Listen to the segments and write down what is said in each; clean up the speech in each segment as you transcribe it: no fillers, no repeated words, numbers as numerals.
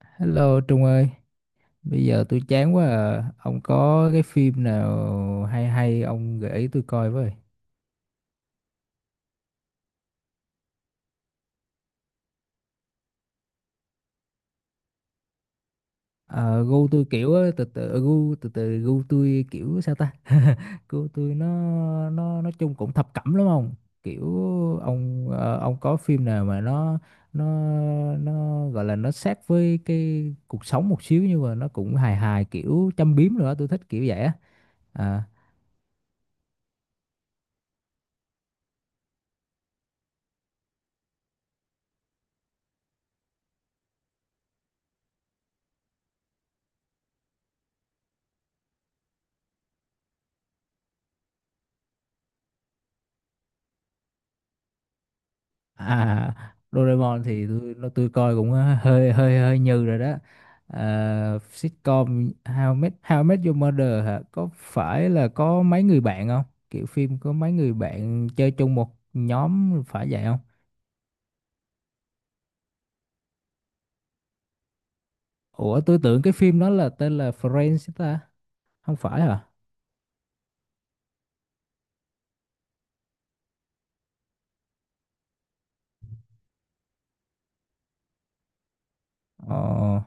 Hello Trung ơi, bây giờ tôi chán quá à. Ông có cái phim nào hay hay ông gợi ý tôi coi với. Ờ, gu tôi kiểu á, từ từ gu tôi kiểu sao ta? Gu tôi nó nói chung cũng thập cẩm lắm ông. Kiểu ông có phim nào mà nó nó gọi là nó sát với cái cuộc sống một xíu nhưng mà nó cũng hài hài kiểu châm biếm nữa, tôi thích kiểu vậy á. À, à, Doraemon thì tôi coi cũng hơi hơi hơi như rồi đó. À, sitcom How I Met Your Mother hả? Có phải là có mấy người bạn không? Kiểu phim có mấy người bạn chơi chung một nhóm phải vậy không? Ủa tôi tưởng cái phim đó là tên là Friends ta, không phải hả? Ờ.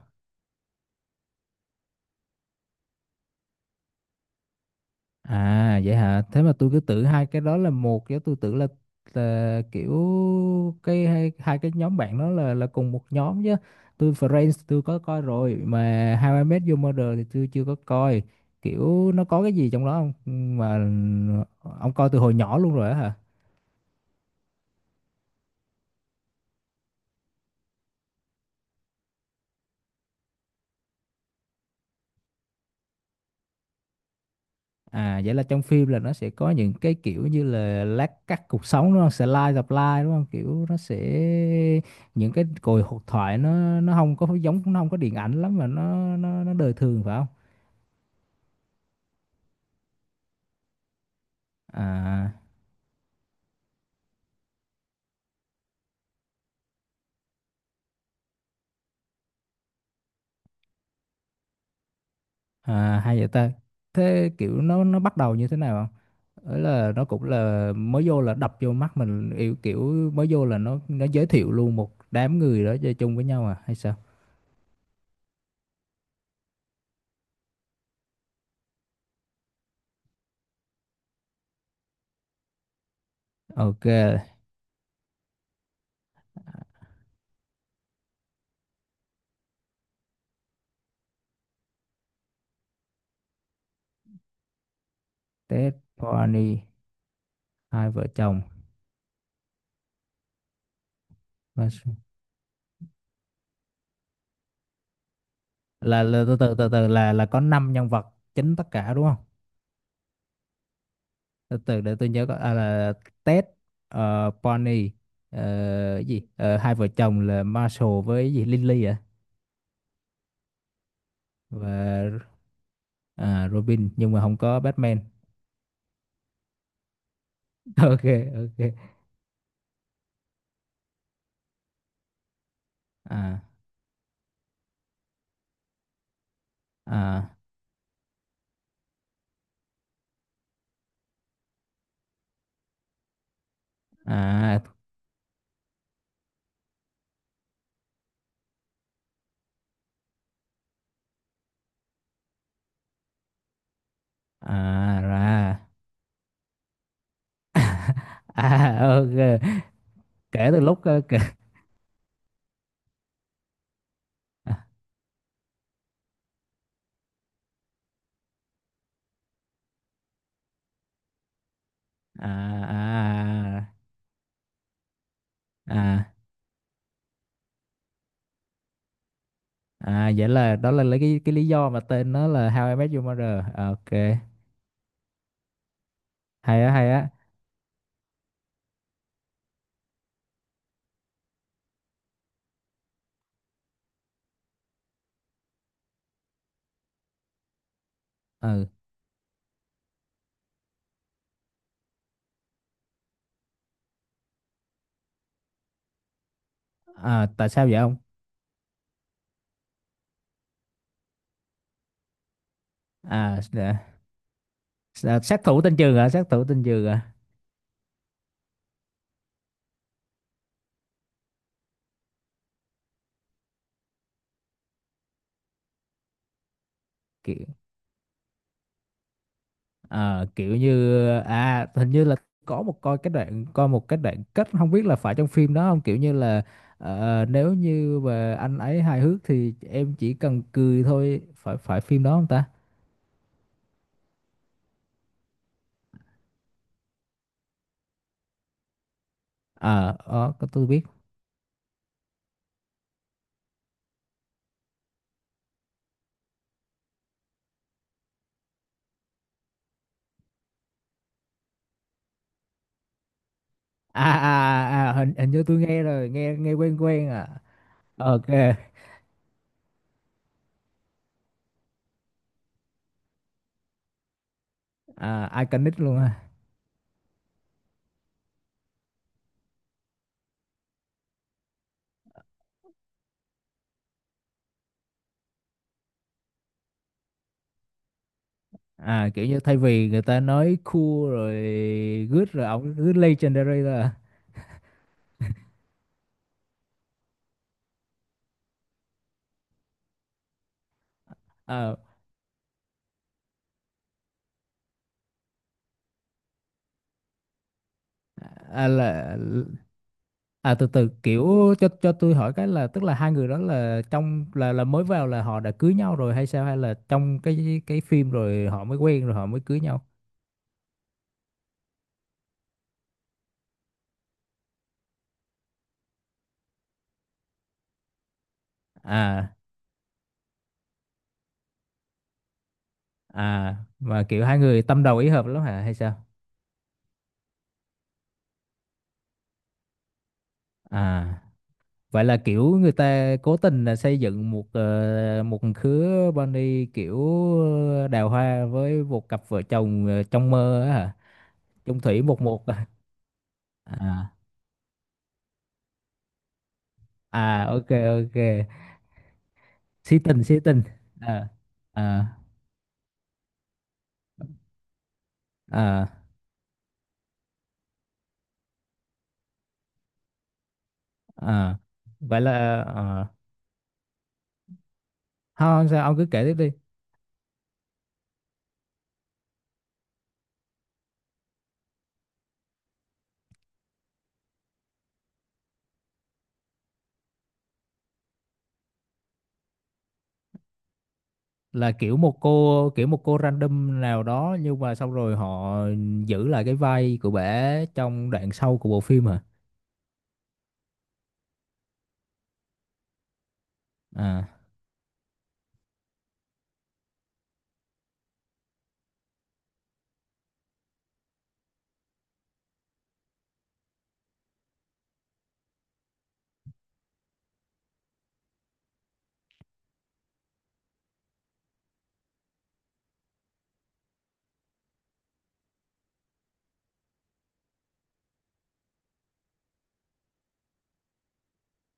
À vậy hả? Thế mà tôi cứ tưởng hai cái đó là một, chứ tôi tưởng là kiểu cái hai cái nhóm bạn đó là cùng một nhóm chứ. Tôi Friends tôi có coi rồi mà How I Met Your Mother thì tôi chưa có coi. Kiểu nó có cái gì trong đó không? Mà ông coi từ hồi nhỏ luôn rồi á hả? À, vậy là trong phim là nó sẽ có những cái kiểu như là lát cắt cuộc sống đúng không? Slice of life đúng không? Kiểu nó sẽ những cái cuộc hội thoại nó không có giống, nó không có điện ảnh lắm mà nó đời thường phải không? À, à hay vậy ta. Thế kiểu nó bắt đầu như thế nào không? Ấy là nó cũng là mới vô là đập vô mắt mình, kiểu kiểu mới vô là nó giới thiệu luôn một đám người đó chơi chung với nhau à hay sao? Ok. Tết Pony hai vợ chồng. Là từ từ là có 5 nhân vật chính tất cả đúng không, từ từ để tôi nhớ coi. À, là Ted, Bonnie, ờ, cái gì, hai vợ chồng là Marshall với cái gì Lily à, và Robin nhưng mà không có Batman. Ok. Ok. À, à, à, à ra, à, ok. kể từ lúc ờ, kể À, à, à, à, à, vậy là đó là lấy cái lý do mà tên nó là How I Met Your Mother. Ok, hay á hay á. Ừ. À, tại sao vậy ông? À, dạ. À, sát thủ tên trường hả, sát thủ tên trường hả? Kiểu, kiểu như, à hình như là có một coi cái đoạn, coi một cái đoạn kết, không biết là phải trong phim đó không, kiểu như là nếu như mà anh ấy hài hước thì em chỉ cần cười thôi, phải phải phim đó không ta? À, có tôi biết. À, à, à, à, hình hình như tôi nghe rồi, nghe nghe quen quen à. Ok. À, iconic luôn ha. À, kiểu như thay vì người ta nói cool rồi good rồi ổng cứ legendary là. À, ờ, à là. À, từ từ, kiểu cho tôi hỏi cái là tức là hai người đó là trong là mới vào là họ đã cưới nhau rồi hay sao, hay là trong cái phim rồi họ mới quen rồi họ mới cưới nhau? À, à mà kiểu hai người tâm đầu ý hợp lắm hả hay sao? À, vậy là kiểu người ta cố tình là xây dựng một một khứa bunny kiểu đào hoa với một cặp vợ chồng trong mơ á hả? Chung thủy một một à. À, à ok. Ok. Sĩ tình sĩ tình. À, à, à, à. Vậy là à. Không sao ông cứ kể tiếp đi. Là kiểu một cô, kiểu một cô random nào đó nhưng mà xong rồi họ giữ lại cái vai của bả trong đoạn sau của bộ phim hả? À,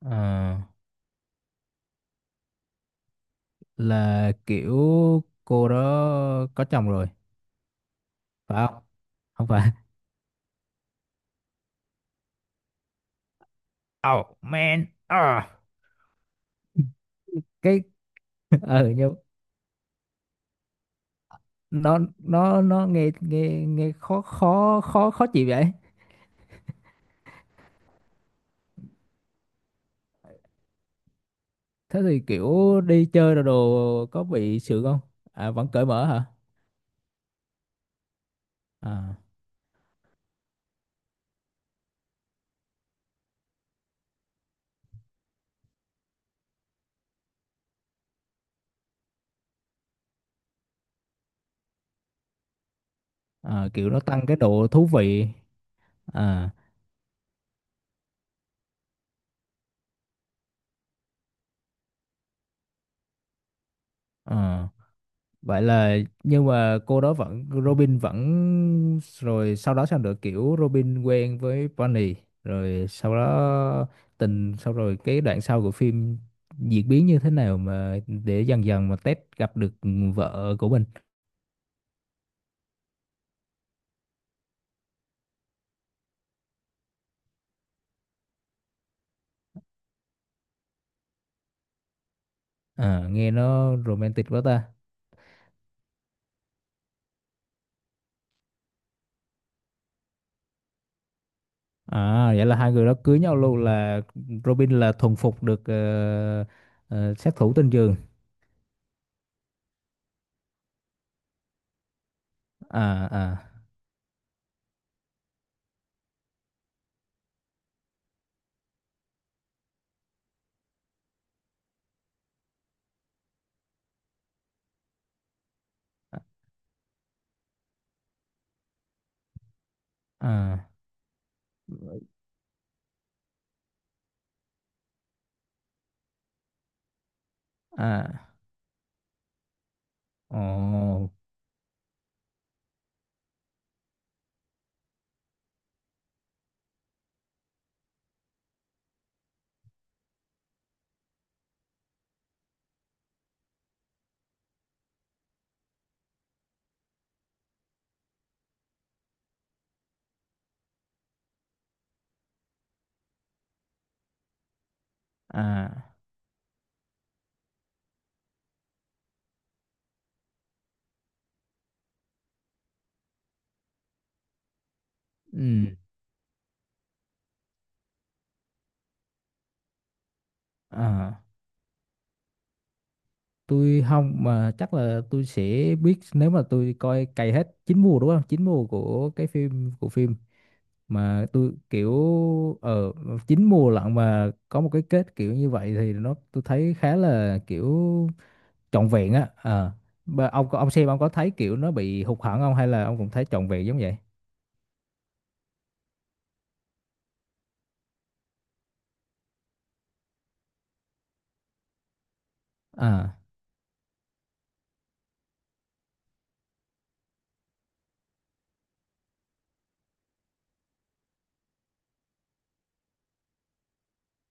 à là kiểu cô đó có chồng rồi phải không? Không phải? Oh man. À, cái nhưng nó nghe nghe nghe khó khó khó khó chịu vậy. Thế thì kiểu đi chơi đồ đồ có bị sượng không? À, vẫn cởi mở hả? À, à kiểu nó tăng cái độ thú vị. À, à. Vậy là nhưng mà cô đó vẫn, Robin vẫn, rồi sau đó sao nữa, kiểu Robin quen với Bonnie rồi sau đó tình sau, rồi cái đoạn sau của phim diễn biến như thế nào mà để dần dần mà Ted gặp được vợ của mình. À, nghe nó romantic quá ta. À vậy là hai người đó cưới nhau luôn, là Robin là thuần phục được sát thủ tên giường. À, à, à, à, ồ, à, ừ. Ờ, tôi không, mà chắc là tôi sẽ biết nếu mà tôi coi cày hết chín mùa đúng không? Chín mùa của phim, mà tôi kiểu ở chín mùa lận mà có một cái kết kiểu như vậy thì nó tôi thấy khá là kiểu trọn vẹn á. Ờ. Ông ông xem ông có thấy kiểu nó bị hụt hẫng không hay là ông cũng thấy trọn vẹn giống vậy? À,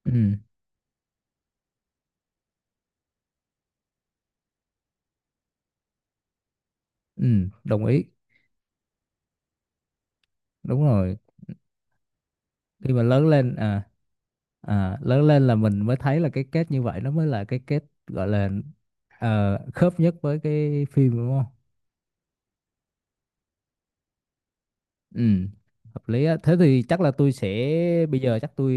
ừ, ừ, đồng ý. Đúng rồi. Khi mà lớn lên à, à lớn lên là mình mới thấy là cái kết như vậy nó mới là cái kết gọi là khớp nhất với cái phim đúng không? Ừ, hợp lý á. Thế thì chắc là tôi sẽ, bây giờ chắc tôi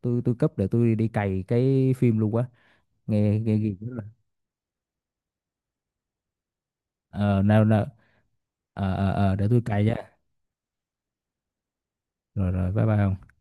tôi cấp để tôi đi cày cái phim luôn quá. Nghe nghe gì rồi. Ờ nào nào. Ờ ờ ờ để tôi cày nha. Rồi rồi bye bye ông.